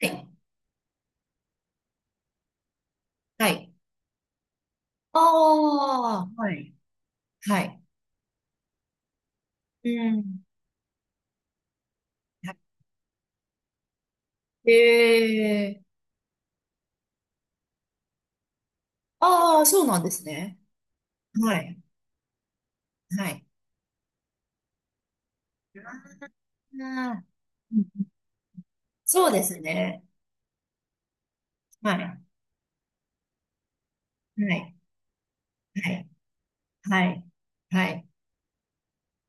はい。はい。ああ、はい。はい。あ、うん。ええ、ああ、そうなんですね。はい。はい。ああ、うん、そうですね。はい。はい。はい。はい。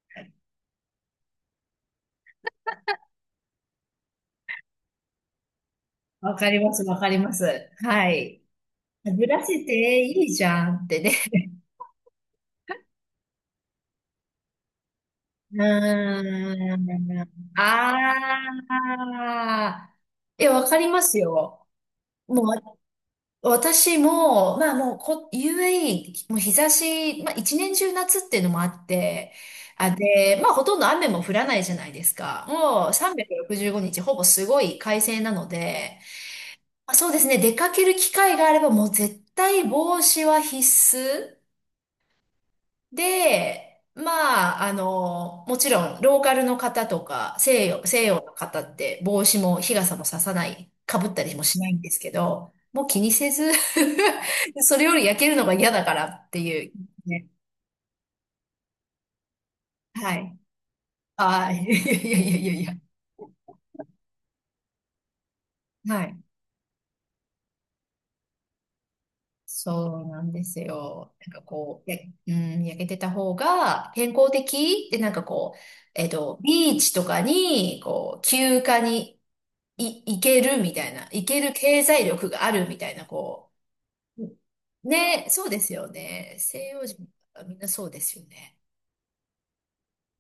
はい。わかります。わかります。はい。ブラシっていいじゃんってね。うーん。ああ、え、わかりますよ。もう私も、まあもうこ、UAE、もう日差し、まあ一年中夏っていうのもあって、あ、で、まあほとんど雨も降らないじゃないですか。もう365日ほぼすごい快晴なので、まあ、そうですね、出かける機会があればもう絶対帽子は必須。で、まあ、あの、もちろん、ローカルの方とか、西洋の方って帽子も日傘もささない、かぶったりもしないんですけど、もう気にせず、 それより焼けるのが嫌だからっていう。ね、はい。ああ、いやいやいやいやいや。はい。そうなんですよ。なんかこう、うん、焼けてた方が健康的で、なんかこう、えっと、ビーチとかに、こう、休暇に、いけるみたいな、いける経済力があるみたいな、こう。ね、そうですよね。西洋人はみんなそうですよね。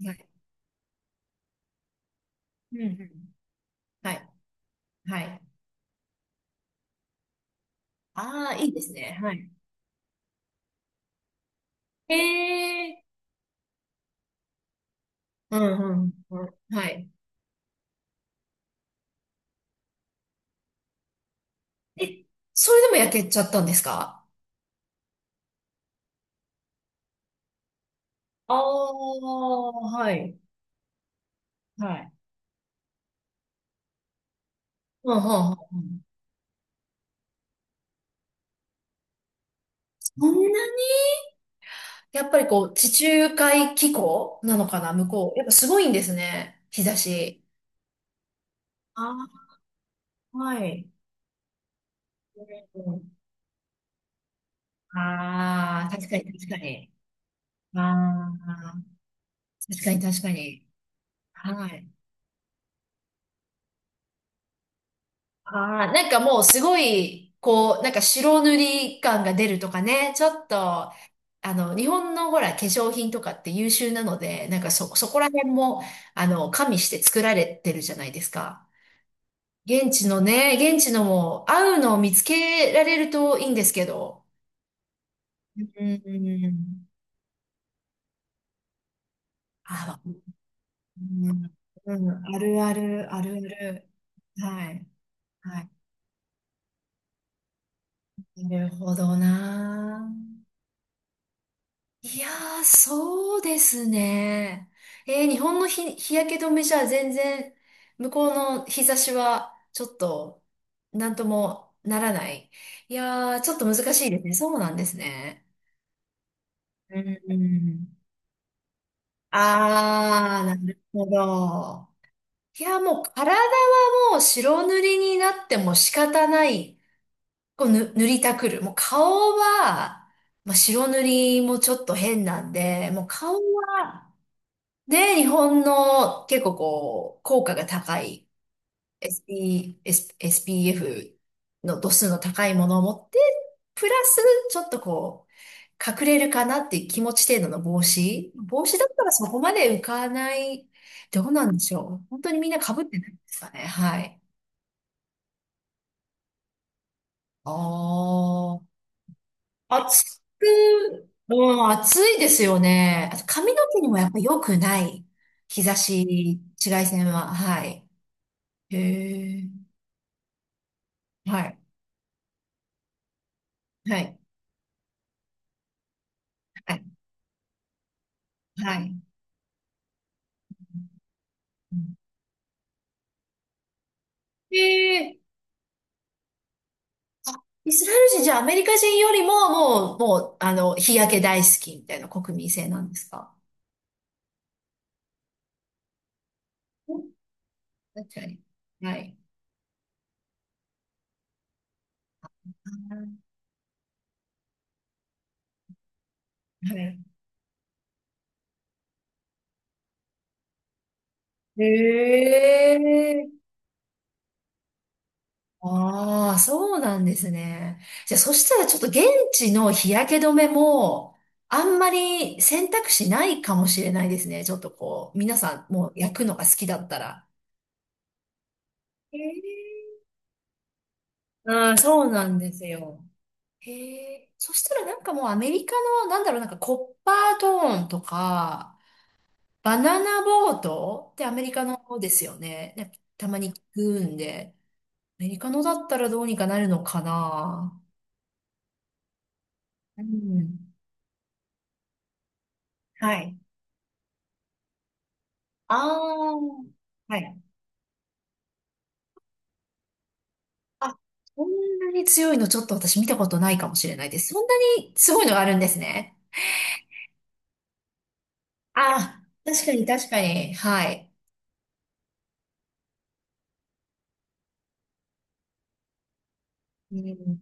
はい。うんうん。はい。はい。ああ、いいですね。はい。へえ。うんうんうん。はい。え、それでも焼けちゃったんですか？ああ、はい。はい。うんうんうんうん。そんなに、やっぱりこう、地中海気候なのかな、向こう。やっぱすごいんですね。日差し。ああ、はい。ああ、確かに確かに。ああ、確かに確かに。はい。ああ、なんかもうすごい、こう、なんか白塗り感が出るとかね、ちょっと、あの、日本のほら、化粧品とかって優秀なので、なんかそこら辺も、あの、加味して作られてるじゃないですか。現地のね、現地のも合うのを見つけられるといいんですけど。うん。あ、うん、うん、あるある、あるある。はい。はい。なるほどな。いやー、そうですね。えー、日本の日焼け止めじゃ全然、向こうの日差しは、ちょっと、なんともならない。いやー、ちょっと難しいですね。そうなんですね。うん。あー、なるほど。いや、もう体はもう白塗りになっても仕方ない。こうぬ塗りたくる。もう顔は、まあ、白塗りもちょっと変なんで、もう顔は、ね、日本の結構こう、効果が高い SPF の度数の高いものを持って、プラスちょっとこう、隠れるかなっていう気持ち程度の帽子。帽子だったらそこまで浮かない。どうなんでしょう。本当にみんな被ってないんですかね。はい。ああ。もう暑いですよね。あと髪の毛にもやっぱ良くない。日差し、紫外線は。はい。へえ。はい。はい。はい。はい。うん、へえ。イスラエル人じゃあアメリカ人よりももう、もう、あの、日焼け大好きみたいな国民性なんですか？うん、確かに。はい。はい。へえ。ああ、そうなんですね。じゃあ、そしたらちょっと現地の日焼け止めも、あんまり選択肢ないかもしれないですね。ちょっとこう、皆さんもう焼くのが好きだったら。へえ、うん、そうなんですよ。へえ。そしたらなんかもうアメリカの、なんだろう、なんかコッパートーンとか、バナナボートってアメリカの方ですよね。なんかたまに聞くんで、アメリカのだったらどうにかなるのかな。うん。はい。ああ、はい。あ、そんなに強いのちょっと私見たことないかもしれないです。そんなにすごいのがあるんですね。ああ、確かに確かに。はい。うん、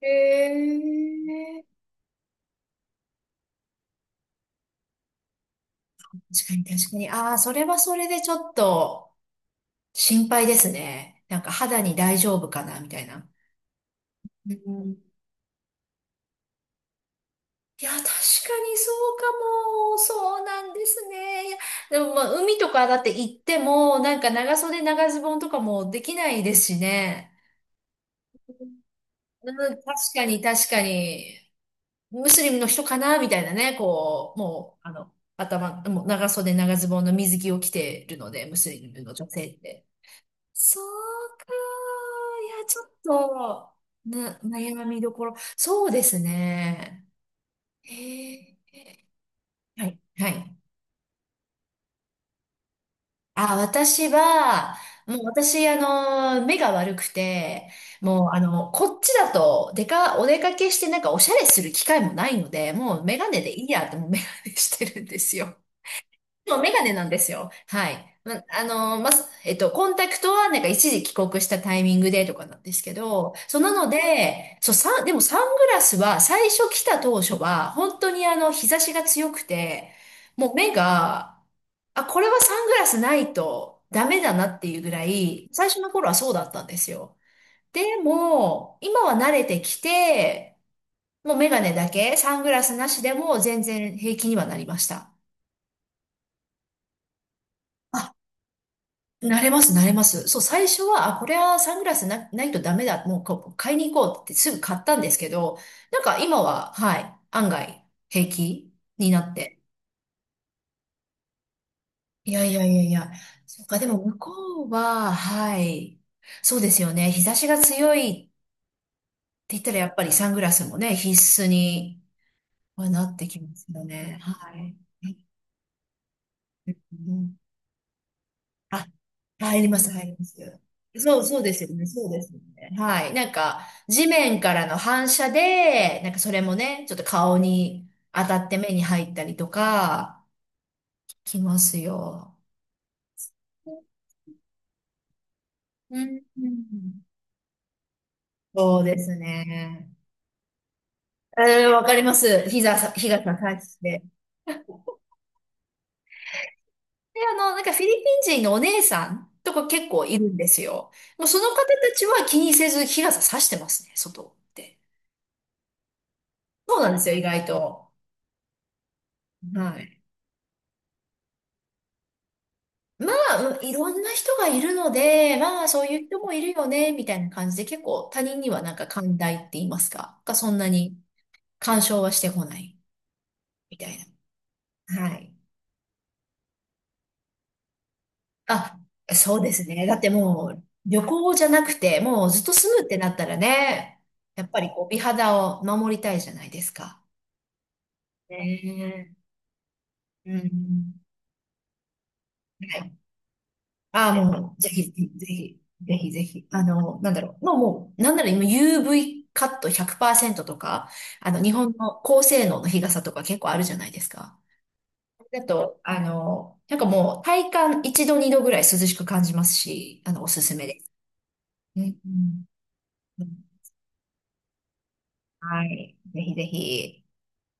へえ。確かに確かに。ああ、それはそれでちょっと心配ですね。なんか肌に大丈夫かなみたいな。うん、いや、確かにそうかも。そうなんですね。いやでもまあ、海とかだって行っても、なんか長袖長ズボンとかもできないですしね。うん、確かに確かに、ムスリムの人かなみたいなね、こう、もう、あの、頭、もう長袖長ズボンの水着を着てるので、ムスリムの女性って。そうかー。いや、ちょっと、悩みどころ。そうですね。へえ。はい、はい。あ、私は、もう私、あの、目が悪くて、もう、あの、こっちだと、お出かけしてなんかおしゃれする機会もないので、もうメガネでいいやって、もうメガネしてるんですよ。もうメガネなんですよ。はい。ま、あの、ま、えっと、コンタクトはなんか一時帰国したタイミングでとかなんですけど、そうなので、そう、でもサングラスは最初来た当初は、本当にあの、日差しが強くて、もう目が、あ、これはサングラスないとダメだなっていうぐらい、最初の頃はそうだったんですよ。でも、今は慣れてきて、もうメガネだけ、サングラスなしでも全然平気にはなりました。慣れます、慣れます。そう、最初は、あ、これはサングラスないとダメだ。もうこう、買いに行こうってすぐ買ったんですけど、なんか今は、はい、案外平気になって。いやいやいやいや。そっか、でも向こうは、はい。そうですよね。日差しが強いって言ったら、やっぱりサングラスもね、必須にはなってきますよね。はい。うん、あ、入ります、入ります。そう、そうですよね、そうですよね。はい。なんか、地面からの反射で、なんかそれもね、ちょっと顔に当たって目に入ったりとか、きますよ。うん。うん、そうですね。えー、わかります。日傘差して。で、あの、なんかフィリピン人のお姉さんとか結構いるんですよ。もうその方たちは気にせず日傘差してますね、外って。そうなんですよ、意外と。はい。まあ、うん、いろんな人がいるので、まあ、そういう人もいるよね、みたいな感じで、結構他人にはなんか寛大って言いますか、がそんなに干渉はしてこない、みたいな。はい。あ、そうですね。だってもう、旅行じゃなくて、もうずっと住むってなったらね、やっぱりこう、美肌を守りたいじゃないですか。ねえ。うん。はい、ああ、もう、ぜひ、あの、なんだろう。もう、もう、なんだろう、今 UV カット100%とか、あの、日本の高性能の日傘とか結構あるじゃないですか。だと、あの、なんかもう、体感1度、2度ぐらい涼しく感じますし、あの、おすすめです。うん、うん、はい。ぜひぜひ。